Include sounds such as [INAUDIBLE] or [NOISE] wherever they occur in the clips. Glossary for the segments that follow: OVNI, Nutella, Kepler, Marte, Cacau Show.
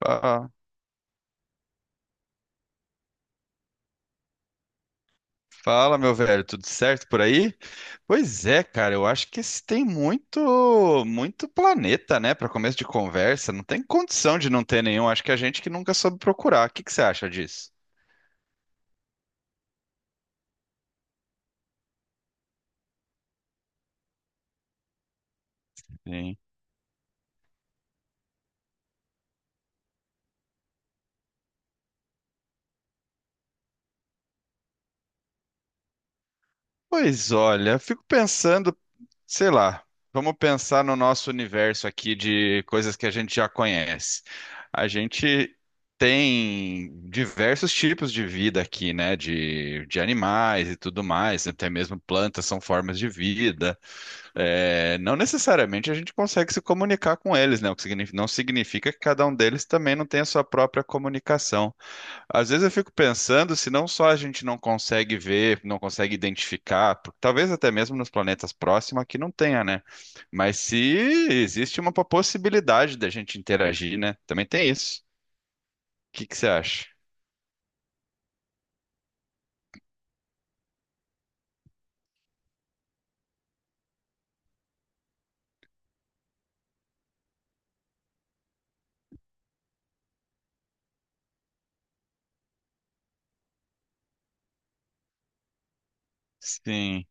Ah, fala, meu velho, tudo certo por aí? Pois é, cara, eu acho que esse tem muito planeta, né, para começo de conversa. Não tem condição de não ter nenhum. Acho que a gente que nunca soube procurar. O que que você acha disso? Sim. Pois olha, eu fico pensando, sei lá, vamos pensar no nosso universo aqui de coisas que a gente já conhece. A gente tem diversos tipos de vida aqui, né? De animais e tudo mais, né, até mesmo plantas são formas de vida. É, não necessariamente a gente consegue se comunicar com eles, né? Não significa que cada um deles também não tenha a sua própria comunicação. Às vezes eu fico pensando se não só a gente não consegue ver, não consegue identificar, talvez até mesmo nos planetas próximos que não tenha, né? Mas se existe uma possibilidade da gente interagir, né? Também tem isso. O que que você acha? Sim,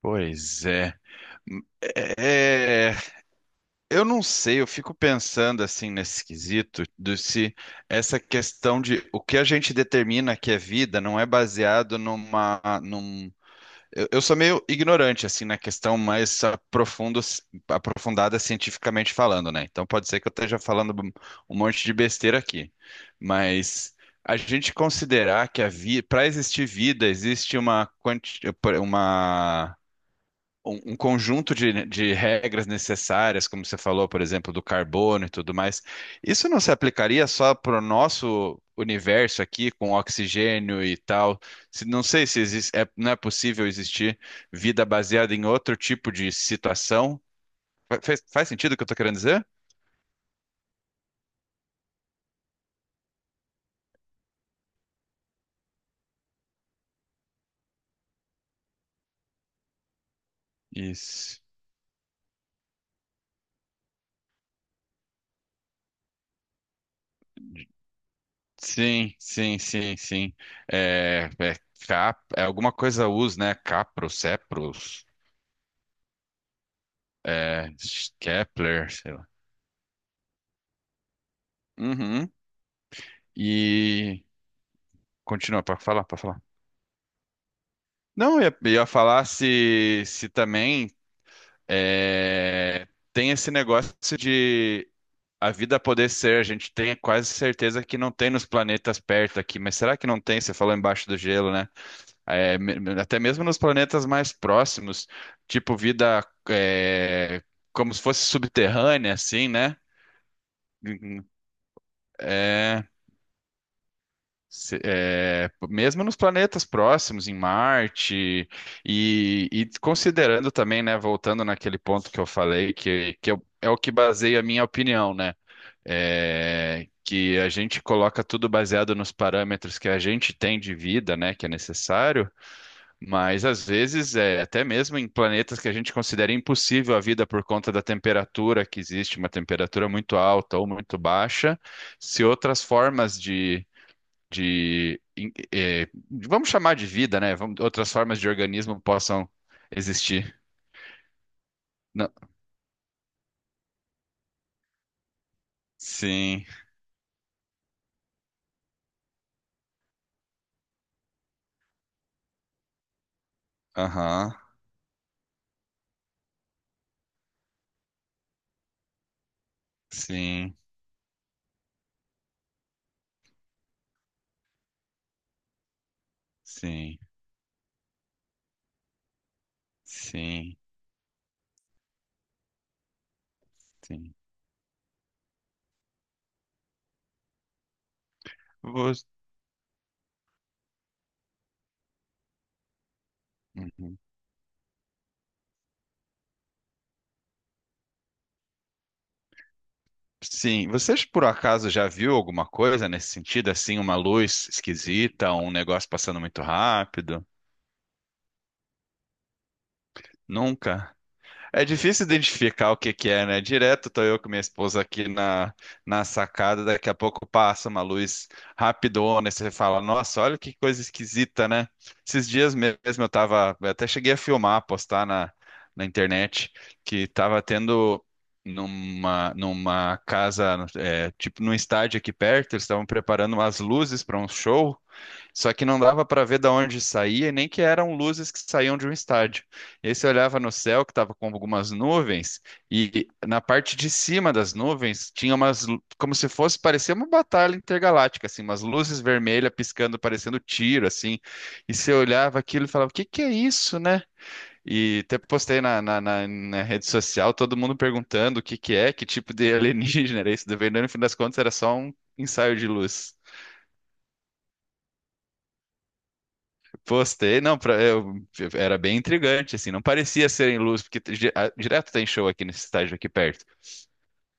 pois é. É, eu não sei, eu fico pensando assim nesse quesito do se essa questão de o que a gente determina que é vida não é baseado Eu sou meio ignorante, assim, na questão aprofundada cientificamente falando, né? Então pode ser que eu esteja falando um monte de besteira aqui. Mas a gente considerar que a vida, para existir vida, existe uma um conjunto de regras necessárias, como você falou, por exemplo, do carbono e tudo mais, isso não se aplicaria só para o nosso universo aqui, com oxigênio e tal? Não sei se existe, não é possível existir vida baseada em outro tipo de situação. Faz sentido o que eu estou querendo dizer? Isso. Sim, sim, sim, sim. É, é, cap, é alguma coisa us, né? Capro, Cepros, é, Kepler, sei lá. Uhum. E continua para falar. Não, eu ia falar se também é, tem esse negócio de a vida poder ser. A gente tem quase certeza que não tem nos planetas perto aqui, mas será que não tem? Você falou embaixo do gelo, né? É, até mesmo nos planetas mais próximos, tipo vida é, como se fosse subterrânea, assim, né? Uhum. É, mesmo nos planetas próximos, em Marte, e considerando também, né, voltando naquele ponto que eu falei, é o que baseia a minha opinião, né? É, que a gente coloca tudo baseado nos parâmetros que a gente tem de vida, né, que é necessário, mas às vezes, é, até mesmo em planetas que a gente considera impossível a vida por conta da temperatura que existe, uma temperatura muito alta ou muito baixa, se outras formas de, em- eh, de- vamos chamar de vida, né? Outras formas de organismo possam existir. Não. Sim, aham, sim, sim, sim, sim. Você, uhum. Sim, vocês por acaso já viu alguma coisa nesse sentido, assim, uma luz esquisita, um negócio passando muito rápido? Nunca? É difícil identificar o que que é, né? Direto tô eu com minha esposa aqui na sacada, daqui a pouco passa uma luz rapidona e você fala, nossa, olha que coisa esquisita, né? Esses dias mesmo eu até cheguei a filmar, postar na internet, que tava tendo numa casa, é, tipo num estádio aqui perto, eles estavam preparando umas luzes para um show, só que não dava para ver de onde saía, e nem que eram luzes que saíam de um estádio. E aí você olhava no céu, que estava com algumas nuvens, e na parte de cima das nuvens tinha umas, como se fosse, parecia uma batalha intergaláctica, assim, umas luzes vermelhas piscando, parecendo tiro, assim. E você olhava aquilo e falava, o que que é isso, né? E até postei na rede social, todo mundo perguntando o que que é, que tipo de [LAUGHS] alienígena era isso, daí, no fim das contas era só um ensaio de luz. Postei, não, pra, eu, era bem intrigante, assim, não parecia ser em luz, porque direto tem show aqui nesse estádio aqui perto,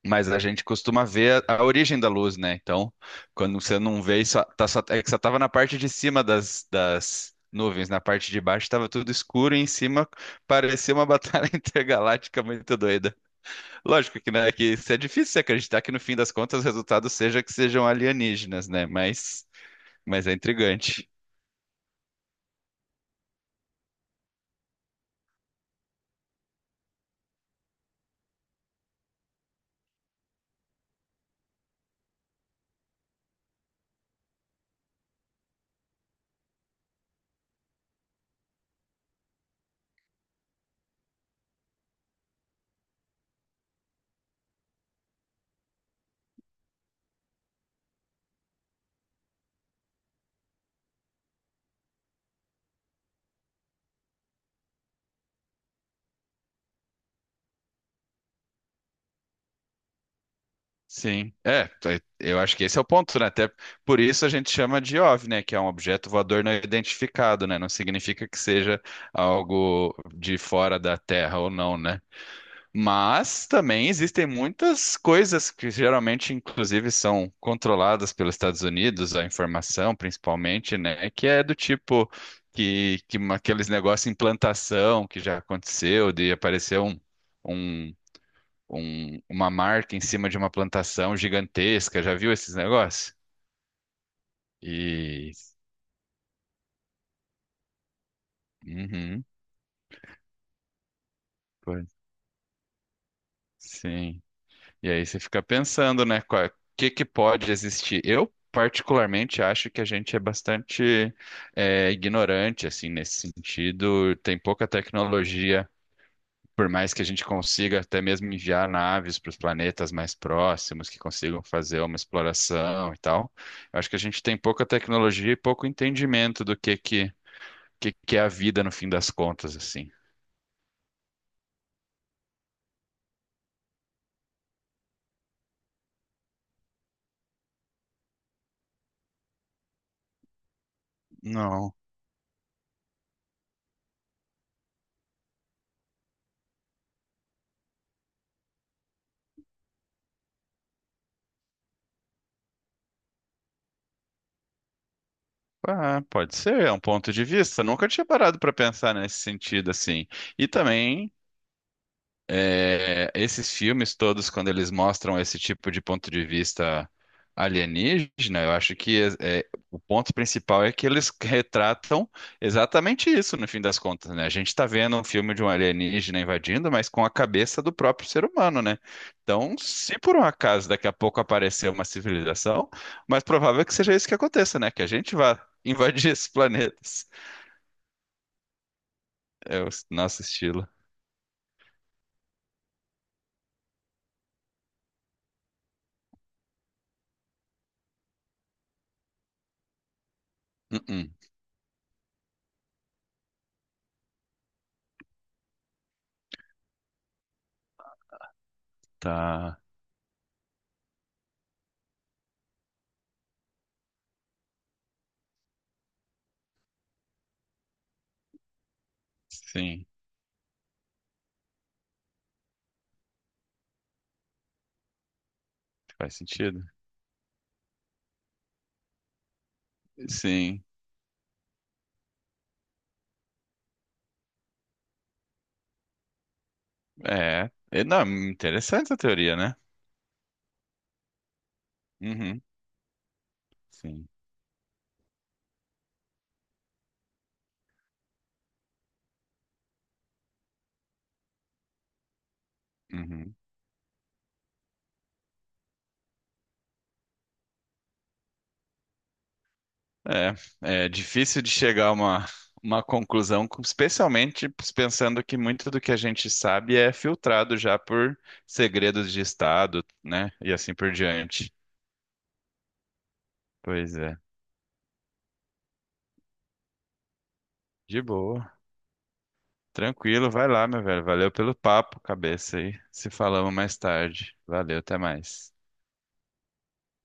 mas a gente costuma ver a origem da luz, né? Então, quando você não vê, isso tá só, é que só tava na parte de cima das nuvens, na parte de baixo tava tudo escuro e em cima parecia uma batalha [LAUGHS] intergaláctica muito doida. Lógico que, né, que isso é difícil você acreditar que no fim das contas o resultado seja que sejam alienígenas, né? Mas é intrigante. Sim, é, eu acho que esse é o ponto, né? Até por isso a gente chama de OVNI, né? Que é um objeto voador não identificado, né? Não significa que seja algo de fora da Terra ou não, né? Mas também existem muitas coisas que geralmente, inclusive, são controladas pelos Estados Unidos, a informação principalmente, né? Que é do tipo que aqueles negócios de implantação que já aconteceu, de aparecer um. um uma marca em cima de uma plantação gigantesca. Já viu esses negócios? E. Uhum, pois, sim. E aí você fica pensando, né? O que que pode existir? Eu, particularmente, acho que a gente é bastante é, ignorante, assim, nesse sentido. Tem pouca tecnologia. Por mais que a gente consiga até mesmo enviar naves para os planetas mais próximos, que consigam fazer uma exploração e tal, eu acho que a gente tem pouca tecnologia e pouco entendimento do que é a vida no fim das contas, assim. Não. Ah, pode ser, é um ponto de vista. Nunca tinha parado para pensar nesse sentido, assim. E também é, esses filmes todos, quando eles mostram esse tipo de ponto de vista alienígena, eu acho que o ponto principal é que eles [LAUGHS] retratam exatamente isso, no fim das contas, né? A gente está vendo um filme de um alienígena invadindo, mas com a cabeça do próprio ser humano, né? Então, se por um acaso daqui a pouco aparecer uma civilização, mais provável é que seja isso que aconteça, né? Que a gente vá [LAUGHS] invadir esses planetas. É o nosso estilo. Uh-uh, tá. Sim, faz sentido. Sim, é. E, não, interessante a teoria, né? Uhum, sim. Uhum. É, é difícil de chegar a uma conclusão, com- especialmente pensando que muito do que a gente sabe é filtrado já por segredos de Estado, né? E assim por diante. Pois é. De boa. Tranquilo, vai lá, meu velho. Valeu pelo papo, cabeça aí. Se falamos mais tarde. Valeu, até mais.